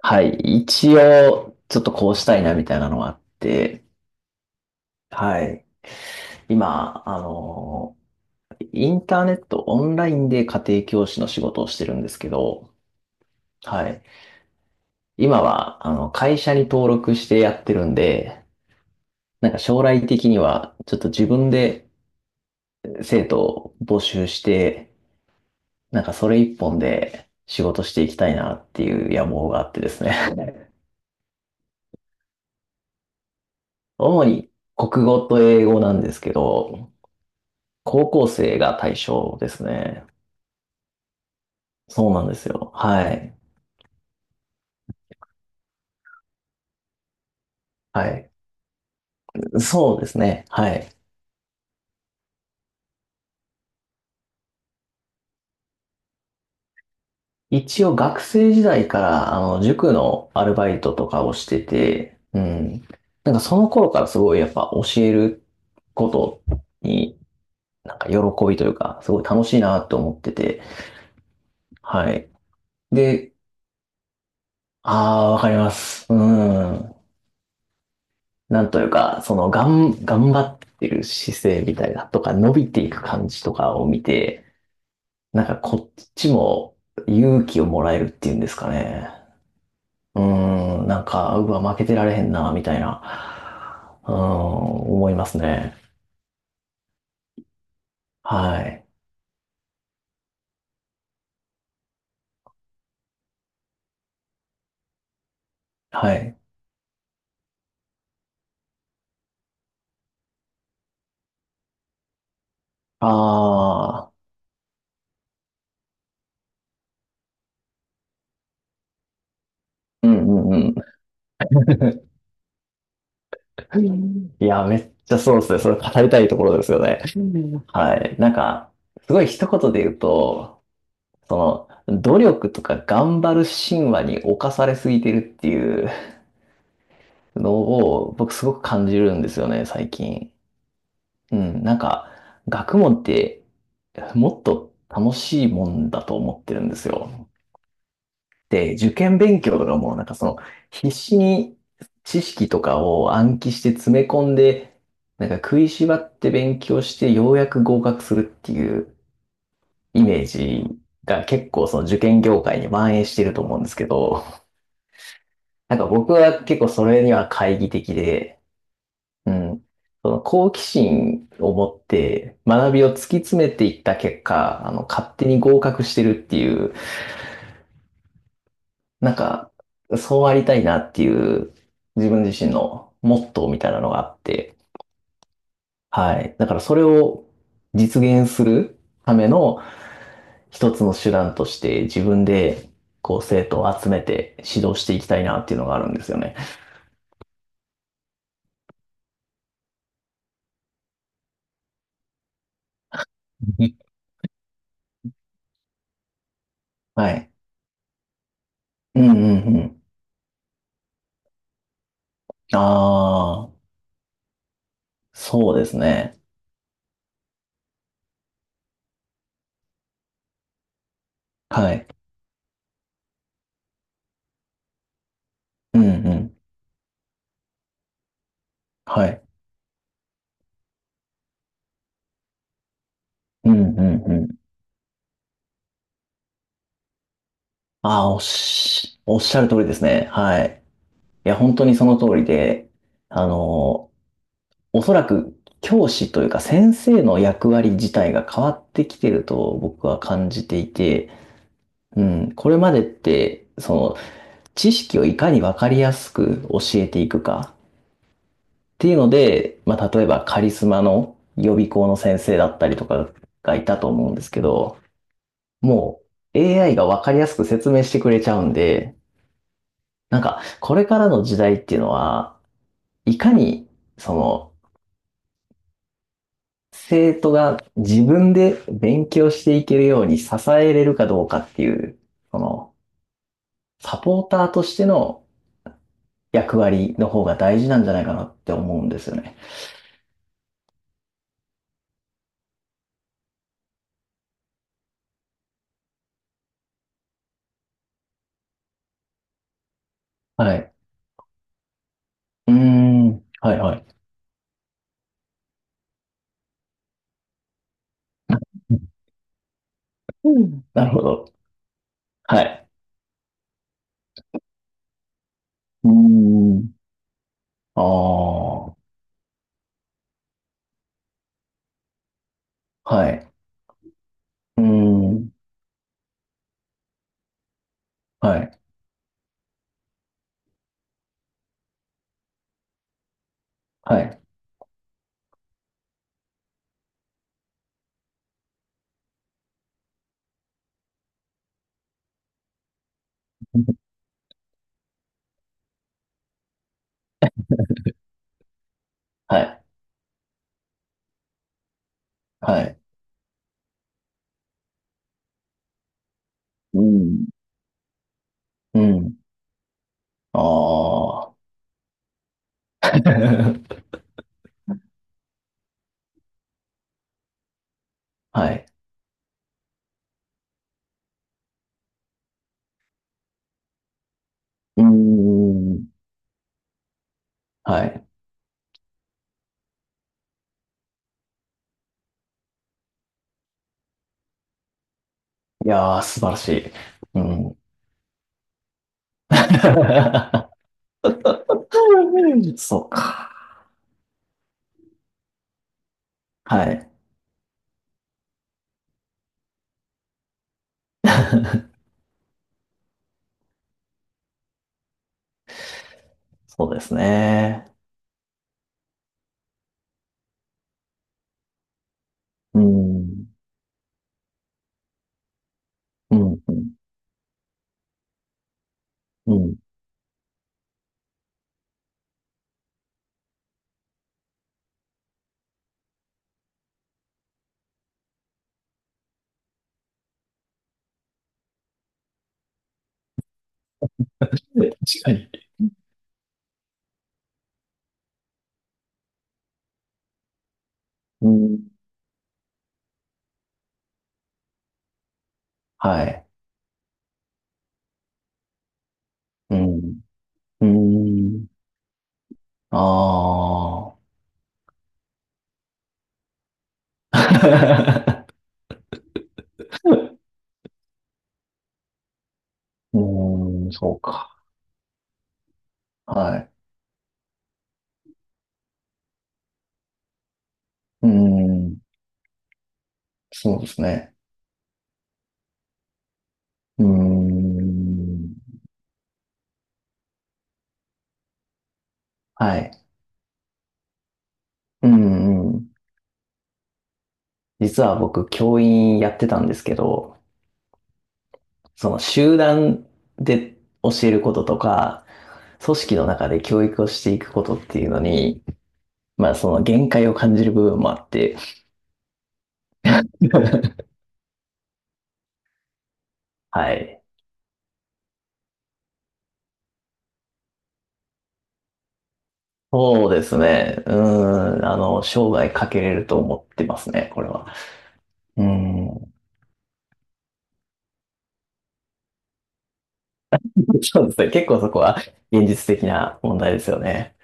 はい。一応、ちょっとこうしたいなみたいなのがあって、はい。今、インターネット、オンラインで家庭教師の仕事をしてるんですけど、はい。今は、会社に登録してやってるんで、なんか将来的には、ちょっと自分で生徒を募集して、なんかそれ一本で仕事していきたいなっていう野望があってですね。主に国語と英語なんですけど、高校生が対象ですね。そうなんですよ。はい。はい。そうですね。はい。一応学生時代から、塾のアルバイトとかをしてて、うん。なんかその頃からすごいやっぱ教えることに、なんか喜びというか、すごい楽しいなと思ってて、はい。で、ああ、わかります。うん。なんというか、その、頑張ってる姿勢みたいなとか、伸びていく感じとかを見て、なんかこっちも勇気をもらえるっていうんですかね。なんか、うわ、負けてられへんな、みたいな、思いますね。はい。はい。ああ、うんうんうん。いや、めっちゃそうですね。それ語りたいところですよね。はい。なんか、すごい一言で言うと、その、努力とか頑張る神話に侵されすぎてるっていうのを、僕すごく感じるんですよね、最近。うん、なんか、学問って、もっと楽しいもんだと思ってるんですよ。で、受験勉強とかも、なんかその、必死に知識とかを暗記して詰め込んで、なんか食いしばって勉強して、ようやく合格するっていうイメージが結構その受験業界に蔓延してると思うんですけど、なんか僕は結構それには懐疑的で、うん。その好奇心を持って学びを突き詰めていった結果、勝手に合格してるっていう、なんか、そうありたいなっていう自分自身のモットーみたいなのがあって、はい。だからそれを実現するための一つの手段として自分でこう生徒を集めて指導していきたいなっていうのがあるんですよね。うんはい。うんうんうん。ああ、そうですね。はい。うんうん。はい。うんうんうん。ああ、おっしゃる通りですね。はい。いや、本当にその通りで、あの、おそらく教師というか先生の役割自体が変わってきてると僕は感じていて、うん、これまでって、その、知識をいかにわかりやすく教えていくかっていうので、まあ、例えばカリスマの予備校の先生だったりとかがいたと思うんですけど、もう AI がわかりやすく説明してくれちゃうんで、なんか、これからの時代っていうのは、いかに、その、生徒が自分で勉強していけるように支えれるかどうかっていう、その、サポーターとしての役割の方が大事なんじゃないかなって思うんですよね。はい。うーん。はいはい。うん。なるほど。はい。うーん。ああ。はい。うーん。はい。はい。はい。はい。うーん。うん。ああ。はい。うーん。はい。いやー、素晴らしい。うん。そうか。はい。そうですね。うん。うん。うん。うん確かに。うん。はい。うん。うん。ああ。うーん、そうか。はい。うーん。そうですね。うーん。はい。うんうん。実は僕、教員やってたんですけど、その集団で教えることとか、組織の中で教育をしていくことっていうのに、まあその限界を感じる部分もあって、はい。そうですね。うーん。生涯かけれると思ってますね、これは。うーん。そうですね。結構そこは現実的な問題ですよね。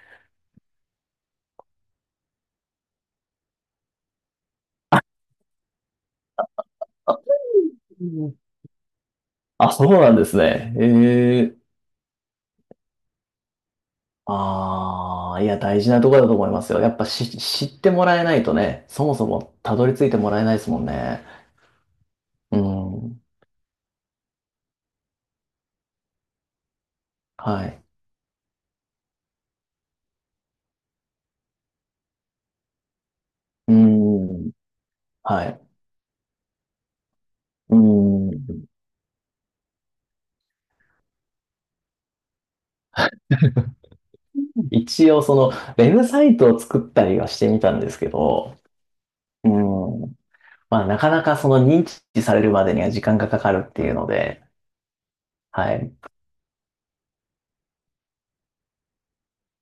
うんあ、そうなんですね。ええああ、いや、大事なところだと思いますよ。やっぱし、知ってもらえないとね、そもそもたどり着いてもらえないですもんね。うん。はい。うん。はい。うん。一応、ウェブサイトを作ったりはしてみたんですけど、うん。まあ、なかなかその認知されるまでには時間がかかるっていうので、はい。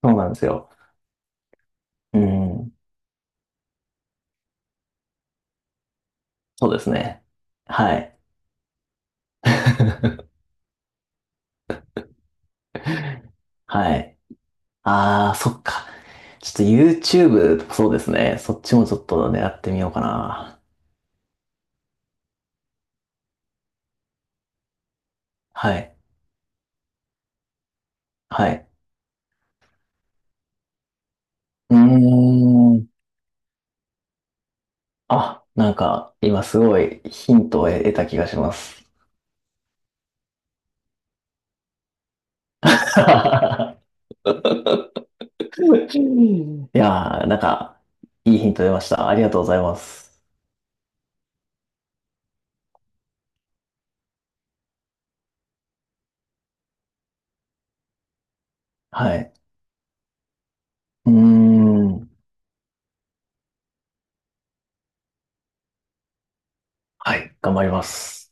そうなんですよ。うん。そうですね。はい。はい。ああ、そっか。ちょっと YouTube とかそうですね。そっちもちょっと狙ってみようかな。はい。はい。うーん。あ、なんか、今すごいヒントを得た気がします。いやー、なんか、いいヒント出ました。ありがとうございます。はい。うーん。はい。頑張ります。